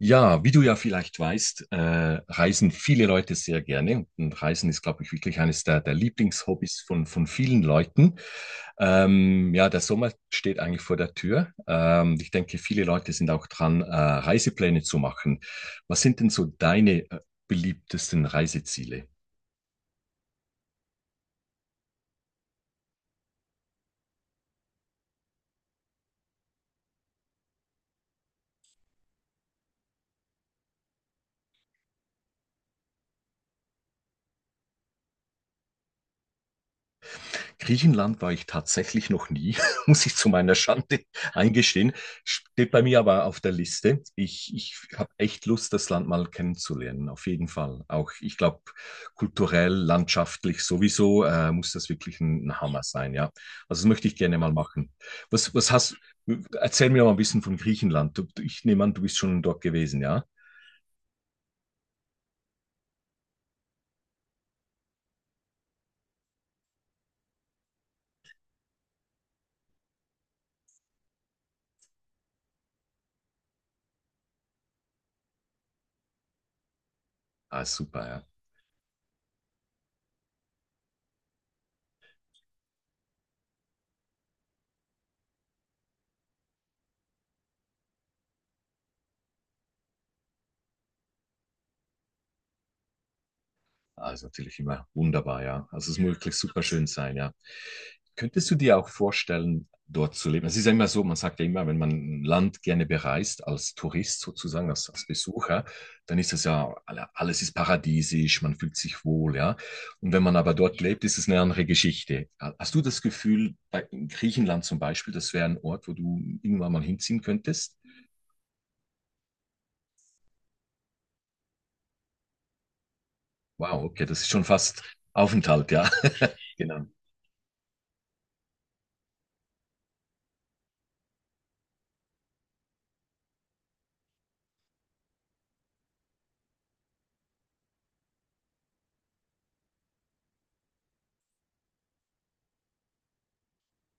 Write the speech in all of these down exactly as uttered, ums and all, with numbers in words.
Ja, wie du ja vielleicht weißt, äh, reisen viele Leute sehr gerne. Und Reisen ist, glaube ich, wirklich eines der, der Lieblingshobbys von, von vielen Leuten. Ähm, ja, der Sommer steht eigentlich vor der Tür. Ähm, ich denke, viele Leute sind auch dran, äh, Reisepläne zu machen. Was sind denn so deine, äh, beliebtesten Reiseziele? Griechenland war ich tatsächlich noch nie, muss ich zu meiner Schande eingestehen. Steht bei mir aber auf der Liste. Ich, ich habe echt Lust, das Land mal kennenzulernen, auf jeden Fall. Auch ich glaube, kulturell, landschaftlich sowieso äh, muss das wirklich ein, ein Hammer sein, ja. Also das möchte ich gerne mal machen. Was, was hast, erzähl mir mal ein bisschen von Griechenland. Du, du- ich nehme an, du bist schon dort gewesen, ja? Ah, super, ja. Ah, ist natürlich immer wunderbar, ja. Also es muss wirklich super schön sein, ja. Könntest du dir auch vorstellen, dort zu leben? Es ist ja immer so, man sagt ja immer, wenn man ein Land gerne bereist, als Tourist sozusagen, als, als Besucher, dann ist das ja, alle- alles ist paradiesisch, man fühlt sich wohl, ja. Und wenn man aber dort lebt, ist es eine andere Geschichte. Hast du das Gefühl, bei in Griechenland zum Beispiel, das wäre ein Ort, wo du irgendwann mal hinziehen könntest? Wow, okay, das ist schon fast Aufenthalt, ja. Genau,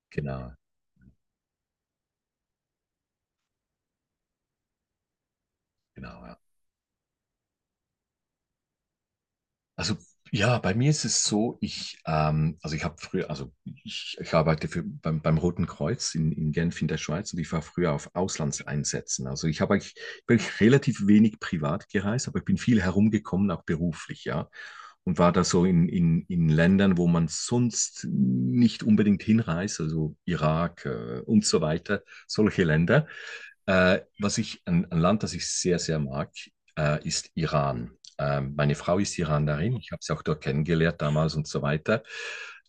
genau, genau, ja. Also ja, bei mir ist es so, ich, ähm, also ich habe früher, also ich, ich arbeite für, beim, beim Roten Kreuz in, in Genf in der Schweiz und ich war früher auf Auslandseinsätzen. Also ich habe eigentlich wirklich relativ wenig privat gereist, aber ich bin viel herumgekommen, auch beruflich, ja. Und war da so in, in, in Ländern, wo man sonst nicht unbedingt hinreist, also Irak, äh, und so weiter, solche Länder. Äh, was ich, ein, ein Land, das ich sehr, sehr mag, äh, ist Iran. Ähm, meine Frau ist Iranerin, ich habe sie auch dort kennengelernt damals und so weiter.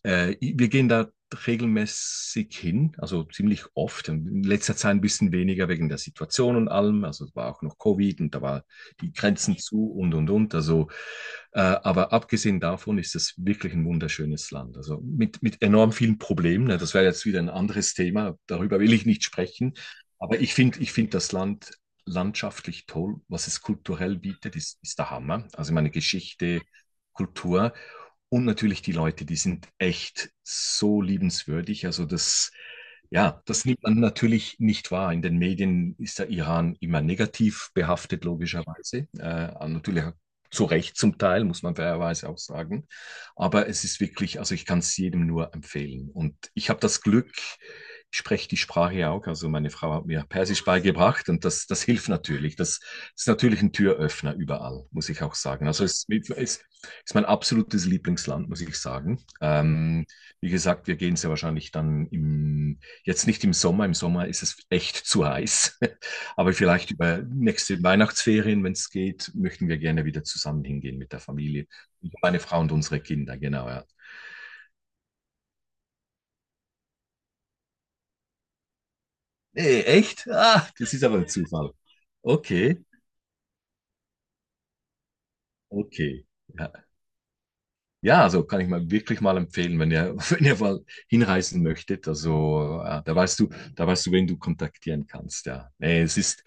Äh, wir gehen da regelmäßig hin, also ziemlich oft. In letzter Zeit ein bisschen weniger wegen der Situation und allem. Also es war auch noch Covid und da war die Grenzen zu und und und. Also, äh, aber abgesehen davon ist es wirklich ein wunderschönes Land. Also mit, mit enorm vielen Problemen, ne? Das wäre jetzt wieder ein anderes Thema. Darüber will ich nicht sprechen. Aber ich finde, ich finde das Land landschaftlich toll, was es kulturell bietet, ist, ist der Hammer. Also meine Geschichte, Kultur. Und natürlich die Leute, die sind echt so liebenswürdig. Also das, ja, das nimmt man natürlich nicht wahr. In den Medien ist der Iran immer negativ behaftet, logischerweise. Äh, natürlich zu Recht zum Teil, muss man fairerweise auch sagen. Aber es ist wirklich, also ich kann es jedem nur empfehlen. Und ich habe das Glück, ich spreche die Sprache ja auch. Also meine Frau hat mir Persisch beigebracht und das, das hilft natürlich. Das ist natürlich ein Türöffner überall, muss ich auch sagen. Also es, es, ist mein absolutes Lieblingsland, muss ich sagen. Ähm, wie gesagt, wir gehen sehr wahrscheinlich dann im, jetzt nicht im Sommer. Im Sommer ist es echt zu heiß. Aber vielleicht über nächste Weihnachtsferien, wenn es geht, möchten wir gerne wieder zusammen hingehen mit der Familie. Meine Frau und unsere Kinder, genau, ja. Nee, echt? Ah, das ist aber ein Zufall. Okay, okay. Ja. Ja, also kann ich mal wirklich mal empfehlen, wenn ihr, wenn ihr mal hinreisen möchtet. Also, äh, da weißt du, da weißt du, wen du kontaktieren kannst. Ja, nee, es ist,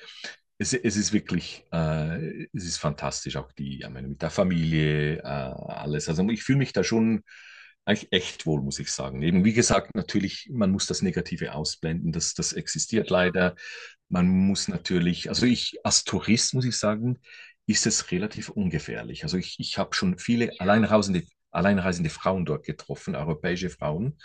es, es ist wirklich, äh, es ist fantastisch, auch die, ja, meine, mit der Familie, äh, alles. Also, ich fühle mich da schon eigentlich echt wohl, muss ich sagen. Eben, wie gesagt, natürlich, man muss das Negative ausblenden. Das, das existiert leider. Man muss natürlich, also ich als Tourist muss ich sagen, ist es relativ ungefährlich. Also ich, ich habe schon viele alleinreisende alleinreisende Frauen dort getroffen, europäische Frauen.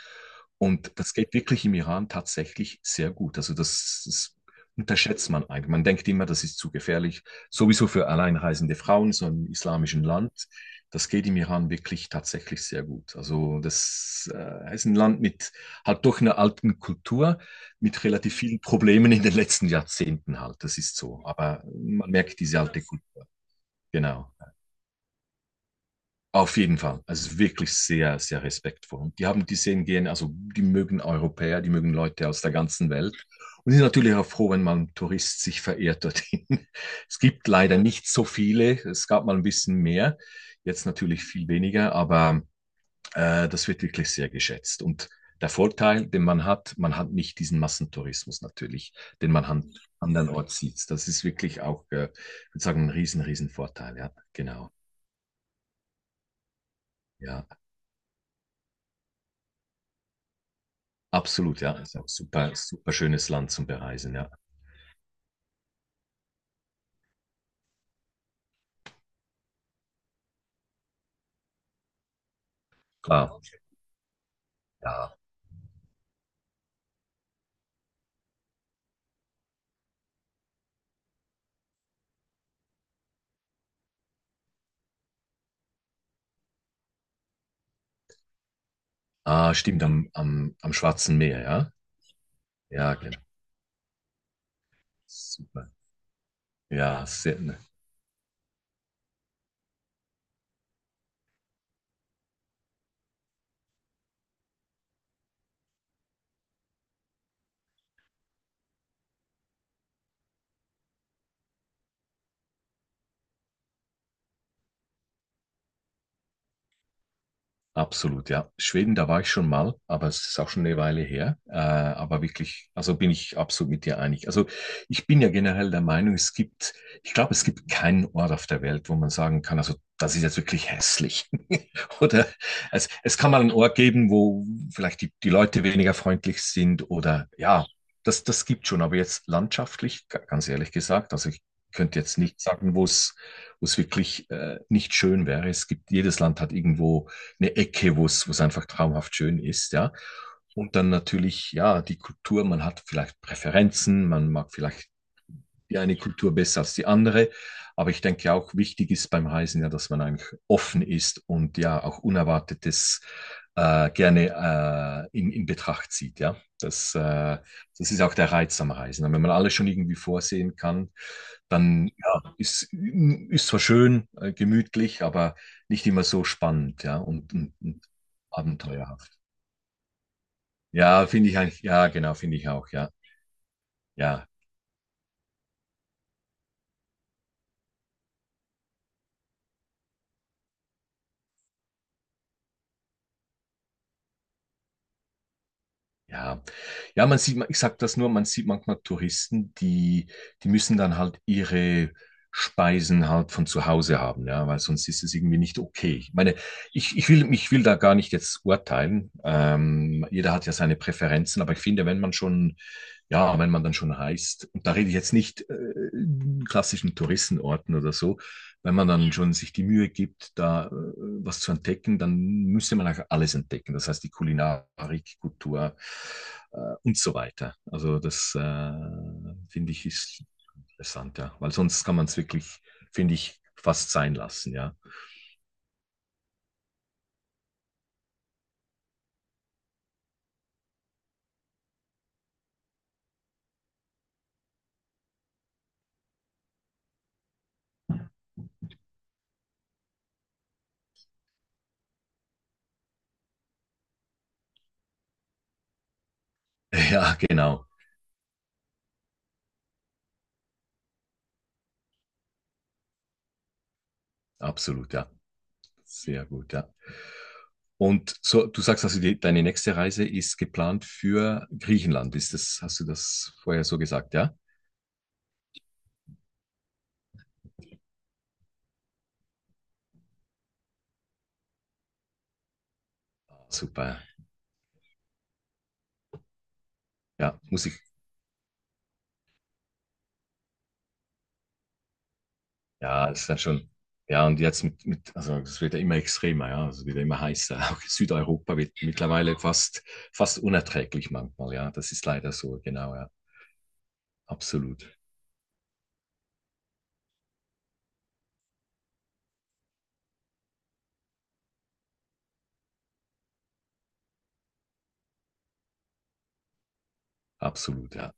Und das geht wirklich im Iran tatsächlich sehr gut. Also das, das unterschätzt man eigentlich. Man denkt immer, das ist zu gefährlich, sowieso für alleinreisende Frauen, so im islamischen Land. Das geht im Iran wirklich tatsächlich sehr gut. Also das äh, ist ein Land mit halt doch einer alten Kultur, mit relativ vielen Problemen in den letzten Jahrzehnten halt. Das ist so. Aber man merkt diese alte Kultur. Genau. Auf jeden Fall. Also wirklich sehr, sehr respektvoll. Und die haben die sehen gehen, also die mögen Europäer, die mögen Leute aus der ganzen Welt. Und die sind natürlich auch froh, wenn mal ein Tourist sich verehrt dorthin. Es gibt leider nicht so viele. Es gab mal ein bisschen mehr, jetzt natürlich viel weniger, aber äh, das wird wirklich sehr geschätzt. Und der Vorteil, den man hat, man hat nicht diesen Massentourismus natürlich, den man an andernorts sieht. Das ist wirklich auch, äh, ich würde sagen, ein riesen, riesen Vorteil. Ja, genau. Ja. Absolut, ja. Ist ein super, super schönes Land zum Bereisen, ja. Klar, ja. Ah, stimmt, am, am, am Schwarzen Meer, ja? Ja, genau. Super. Ja, sehr, ne. Absolut, ja. Schweden, da war ich schon mal, aber es ist auch schon eine Weile her. Äh, aber wirklich, also bin ich absolut mit dir einig. Also ich bin ja generell der Meinung, es gibt, ich glaube, es gibt keinen Ort auf der Welt, wo man sagen kann, also das ist jetzt wirklich hässlich. Oder es, es kann mal einen Ort geben, wo vielleicht die, die Leute weniger freundlich sind oder ja, das, das gibt schon. Aber jetzt landschaftlich, ga- ganz ehrlich gesagt, also ich könnte jetzt nicht sagen, wo es, wo es wirklich äh, nicht schön wäre. Es gibt, jedes Land hat irgendwo eine Ecke, wo es, wo es einfach traumhaft schön ist, ja. Und dann natürlich, ja, die Kultur, man hat vielleicht Präferenzen, man mag vielleicht die eine Kultur besser als die andere. Aber ich denke auch wichtig ist beim Reisen ja, dass man eigentlich offen ist und ja auch Unerwartetes äh, gerne äh, in, in Betracht zieht. Ja, das, äh, das ist auch der Reiz am Reisen. Und wenn man alles schon irgendwie vorsehen kann, dann ja, ist, ist zwar schön, äh, gemütlich, aber nicht immer so spannend, ja, und, und, und abenteuerhaft. Ja, finde ich eigentlich, ja, genau, finde ich auch, ja. Ja, Ja, ja, man sieht, ich sag das nur, man sieht manchmal Touristen, die, die müssen dann halt ihre Speisen halt von zu Hause haben, ja, weil sonst ist es irgendwie nicht okay. Ich meine, ich, ich will, ich will da gar nicht jetzt urteilen. Ähm, jeder hat ja seine Präferenzen, aber ich finde, wenn man schon, ja, wenn man dann schon reist, und da rede ich jetzt nicht äh, klassischen Touristenorten oder so, wenn man dann schon sich die Mühe gibt, da äh, was zu entdecken, dann müsste man auch alles entdecken. Das heißt, die Kulinarik, Kultur äh, und so weiter. Also das äh, finde ich ist interessant, ja. Weil sonst kann man es wirklich, finde ich, fast sein lassen, ja. Ja, genau. Absolut, ja. Sehr gut, ja. Und so, du sagst also, die, deine nächste Reise ist geplant für Griechenland. Ist das, hast du das vorher so gesagt, ja? Super. Ja, muss ich, Ja, das ist dann schon. Ja, und jetzt mit, mit, also es wird ja immer extremer, ja, also es wird ja immer heißer. Auch Südeuropa wird mittlerweile fast, fast unerträglich manchmal, ja. Das ist leider so, genau, ja. Absolut, absolut, ja.